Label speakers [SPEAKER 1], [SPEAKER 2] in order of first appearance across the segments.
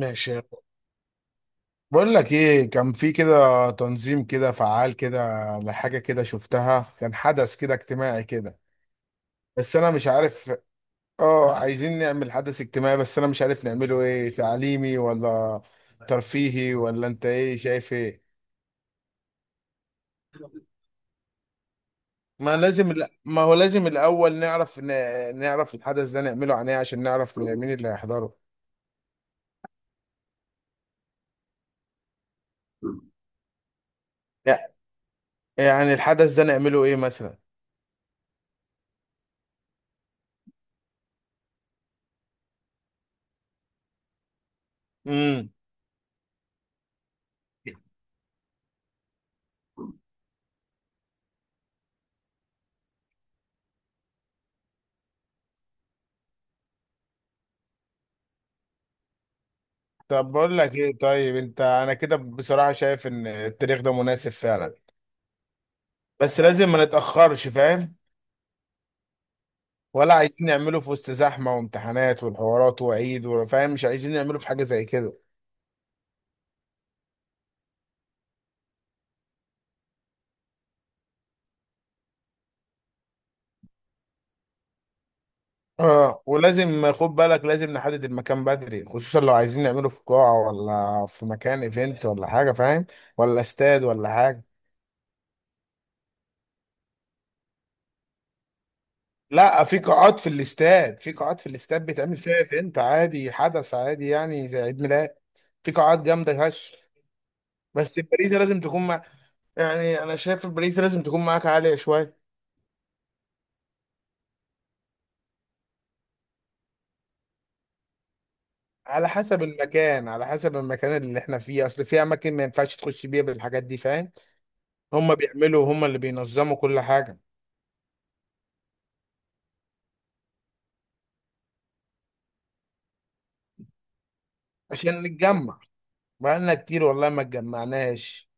[SPEAKER 1] ماشي. بقول لك ايه، كان في كده تنظيم كده فعال كده لحاجه كده شفتها، كان حدث كده اجتماعي كده، بس انا مش عارف. اه، عايزين نعمل حدث اجتماعي بس انا مش عارف نعمله ايه، تعليمي ولا ترفيهي؟ ولا انت ايه شايف ايه؟ ما هو لازم الاول نعرف نعرف الحدث ده نعمله عن ايه عشان نعرف مين اللي هيحضره. لا، يعني الحدث ده نعمله ايه مثلا؟ طب بقول لك ايه، طيب انت، انا كده بصراحة شايف ان التاريخ ده مناسب فعلا. بس لازم ما نتأخرش، فاهم؟ ولا عايزين نعمله في وسط زحمة وامتحانات والحوارات وعيد، وفاهم مش عايزين نعمله في حاجة زي كده. اه، ولازم خد بالك لازم نحدد المكان بدري، خصوصا لو عايزين نعمله في قاعة ولا في مكان ايفنت ولا حاجة، فاهم؟ ولا استاد ولا حاجة. لا، في قاعات في الاستاد، بيتعمل فيها ايفنت عادي، حدث عادي يعني زي عيد ميلاد. في قاعات جامدة هش. بس الباريزي لازم تكون مع، يعني انا شايف الباريزي لازم تكون معاك عالية شوية. على حسب المكان، اللي احنا فيه، اصل في اماكن ما ينفعش تخش بيها بالحاجات دي، فاهم؟ هم بيعملوا، هم اللي بينظموا كل حاجة. عشان نتجمع، بقالنا كتير والله ما اتجمعناش.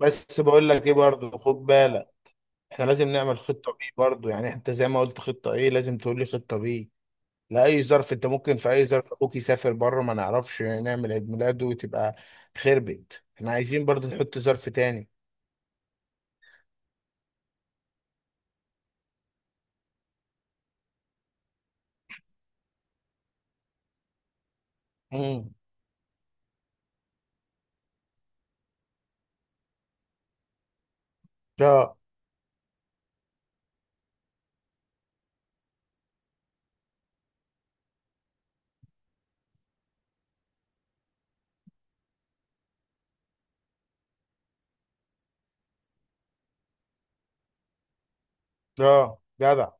[SPEAKER 1] بس بقول لك ايه برضه، خد بالك احنا لازم نعمل خطة بي برضه. يعني انت زي ما قلت خطة ايه، لازم تقول لي خطة بي لأي ظرف. انت ممكن في اي ظرف اخوك يسافر بره، ما نعرفش نعمل عيد ميلاده، وتبقى خربت. احنا عايزين برضه نحط ظرف تاني. امم. لا. لا جدع،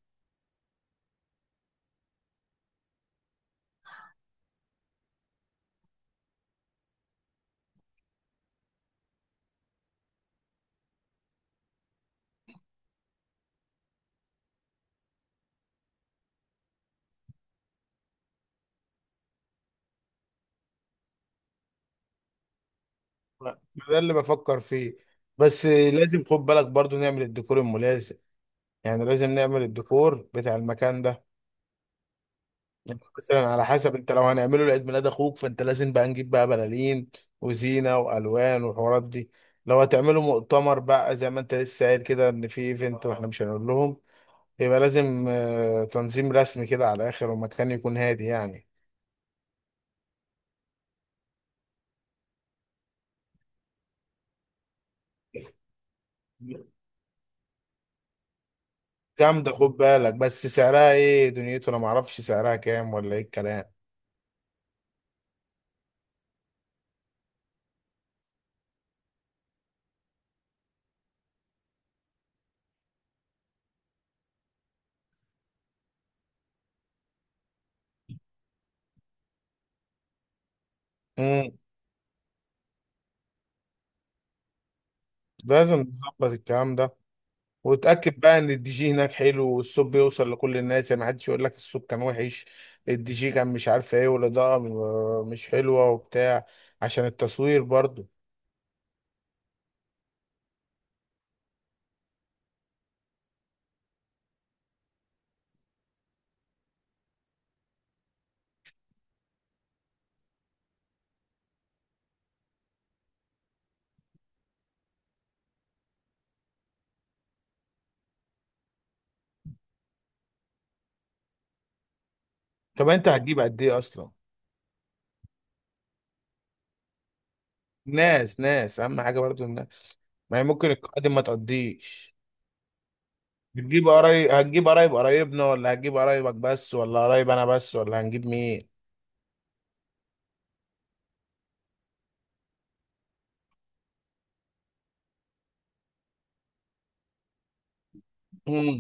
[SPEAKER 1] ما ده اللي بفكر فيه. بس لازم خد بالك برضه نعمل الديكور الملازم، يعني لازم نعمل الديكور بتاع المكان ده. يعني مثلا، على حسب، انت لو هنعمله لعيد ميلاد اخوك فانت لازم بقى نجيب بقى بلالين وزينة والوان والحوارات دي. لو هتعملوا مؤتمر بقى زي ما انت لسه قايل كده، ان في ايفنت واحنا مش هنقول لهم، يبقى لازم تنظيم رسمي كده على الاخر، ومكان يكون هادي يعني. جامدة، خد بالك بس سعرها ايه، دنيته انا معرفش سعرها كام ولا ايه الكلام. امم. لازم نظبط الكلام ده. وتأكد بقى ان الدي جي هناك حلو والصوت بيوصل لكل الناس، يعني محدش يقول لك الصوت كان وحش، الدي جي كان مش عارف ايه، والاضاءة مش حلوة وبتاع. عشان التصوير برضو. طب انت هتجيب قد ايه اصلا؟ ناس ناس، اهم حاجة برضو الناس. ما هي ممكن القادم ما تقضيش. بتجيب قرايب، هتجيب قرايب قرايبنا ولا هتجيب قرايبك بس ولا قرايب انا بس ولا هنجيب مين؟ امم.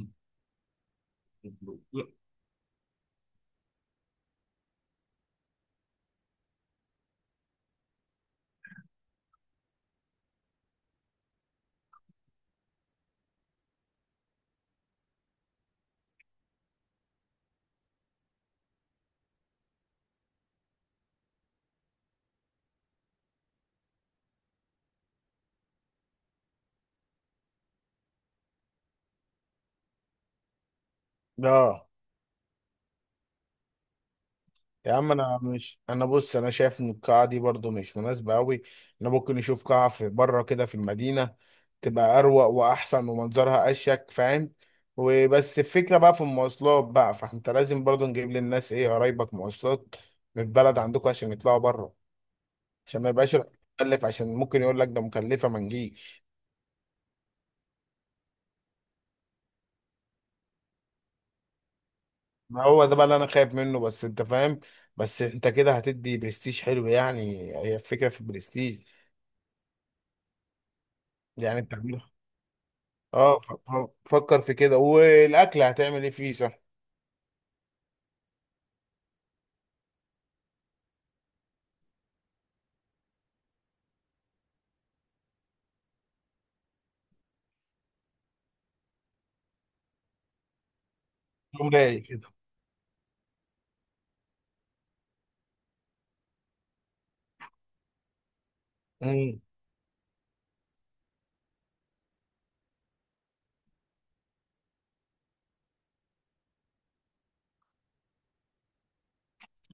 [SPEAKER 1] اه. يا عم انا مش، انا بص، انا شايف ان القاعه دي برضو مش مناسبه قوي. انا ممكن نشوف قاعه في بره كده في المدينه، تبقى اروق واحسن ومنظرها اشيك، فاهم؟ وبس الفكره بقى في المواصلات بقى، فانت لازم برضو نجيب للناس ايه قرايبك مواصلات من البلد عندكم عشان يطلعوا بره، عشان ما يبقاش مكلف، عشان ممكن يقول لك ده مكلفه ما نجيش. ما هو ده بقى اللي انا خايف منه، بس انت فاهم. بس انت كده هتدي برستيج حلو يعني، هي الفكره في البرستيج. يعني انت عاملها. اه، فكر في كده. والاكل هتعمل ايه فيه، صح؟ يوم رايق كده. امم.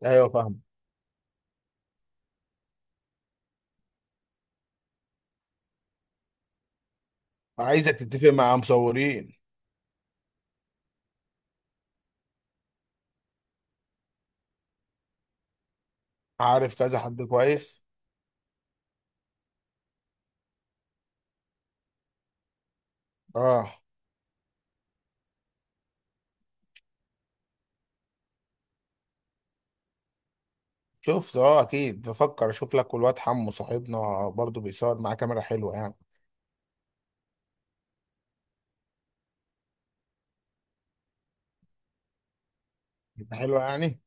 [SPEAKER 1] ايوه، فاهم. عايزك تتفق مع مصورين، عارف كذا حد كويس. اه، شفت، اه اكيد بفكر اشوف لك، والواد حمو صاحبنا برضو بيصور معاه كاميرا حلوه يعني. حلوه يعني.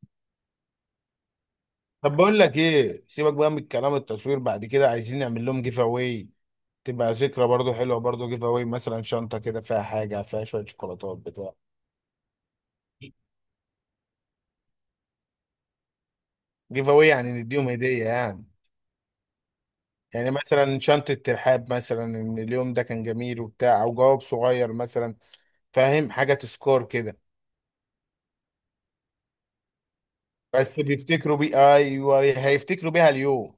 [SPEAKER 1] طب بقول لك ايه، سيبك بقى من الكلام التصوير، بعد كده عايزين نعمل لهم جيف اواي، تبقى ذكرى برضو حلوه. برضو جيف اواي مثلا شنطه كده فيها حاجه، فيها شويه شوكولاتات بتاع. جيف اواي يعني نديهم هديه يعني، يعني مثلا شنطه ترحاب مثلا ان اليوم ده كان جميل وبتاع، او جواب صغير مثلا، فاهم؟ حاجه تسكور كده. بس بيفتكروا بيه، ايوه هيفتكروا بيها اليوم.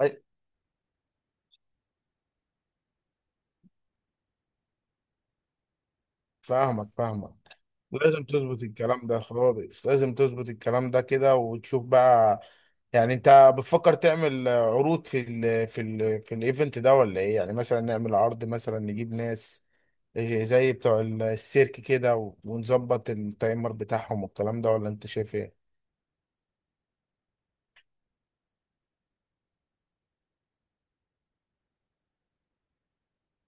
[SPEAKER 1] أي- فاهمك فاهمك. لازم تظبط الكلام ده خالص، لازم تظبط الكلام ده كده وتشوف بقى. يعني انت بتفكر تعمل عروض في ال في ال في الايفنت ده، ولا ايه؟ يعني مثلا نعمل عرض مثلا، نجيب ناس زي بتوع السيرك كده، ونظبط التايمر بتاعهم والكلام ده، ولا انت شايف ايه؟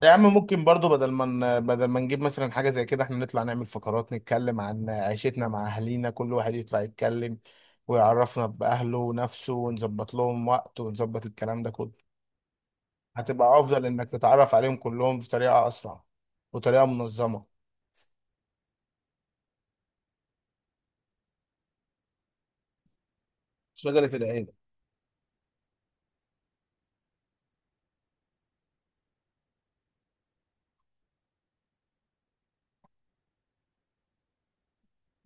[SPEAKER 1] يا عم ممكن برضو بدل ما نجيب مثلا حاجة زي كده، احنا نطلع نعمل فقرات نتكلم عن عيشتنا مع اهالينا، كل واحد يطلع يتكلم ويعرفنا بأهله ونفسه، ونظبط لهم وقت ونظبط الكلام ده كله. هتبقى افضل انك تتعرف عليهم كلهم بطريقه اسرع وطريقه منظمه. شجره العيله.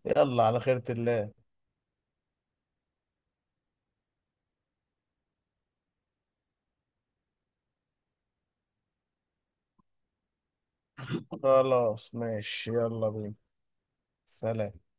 [SPEAKER 1] يلا على خيرة الله. خلاص ماشي، يلا بينا. سلام.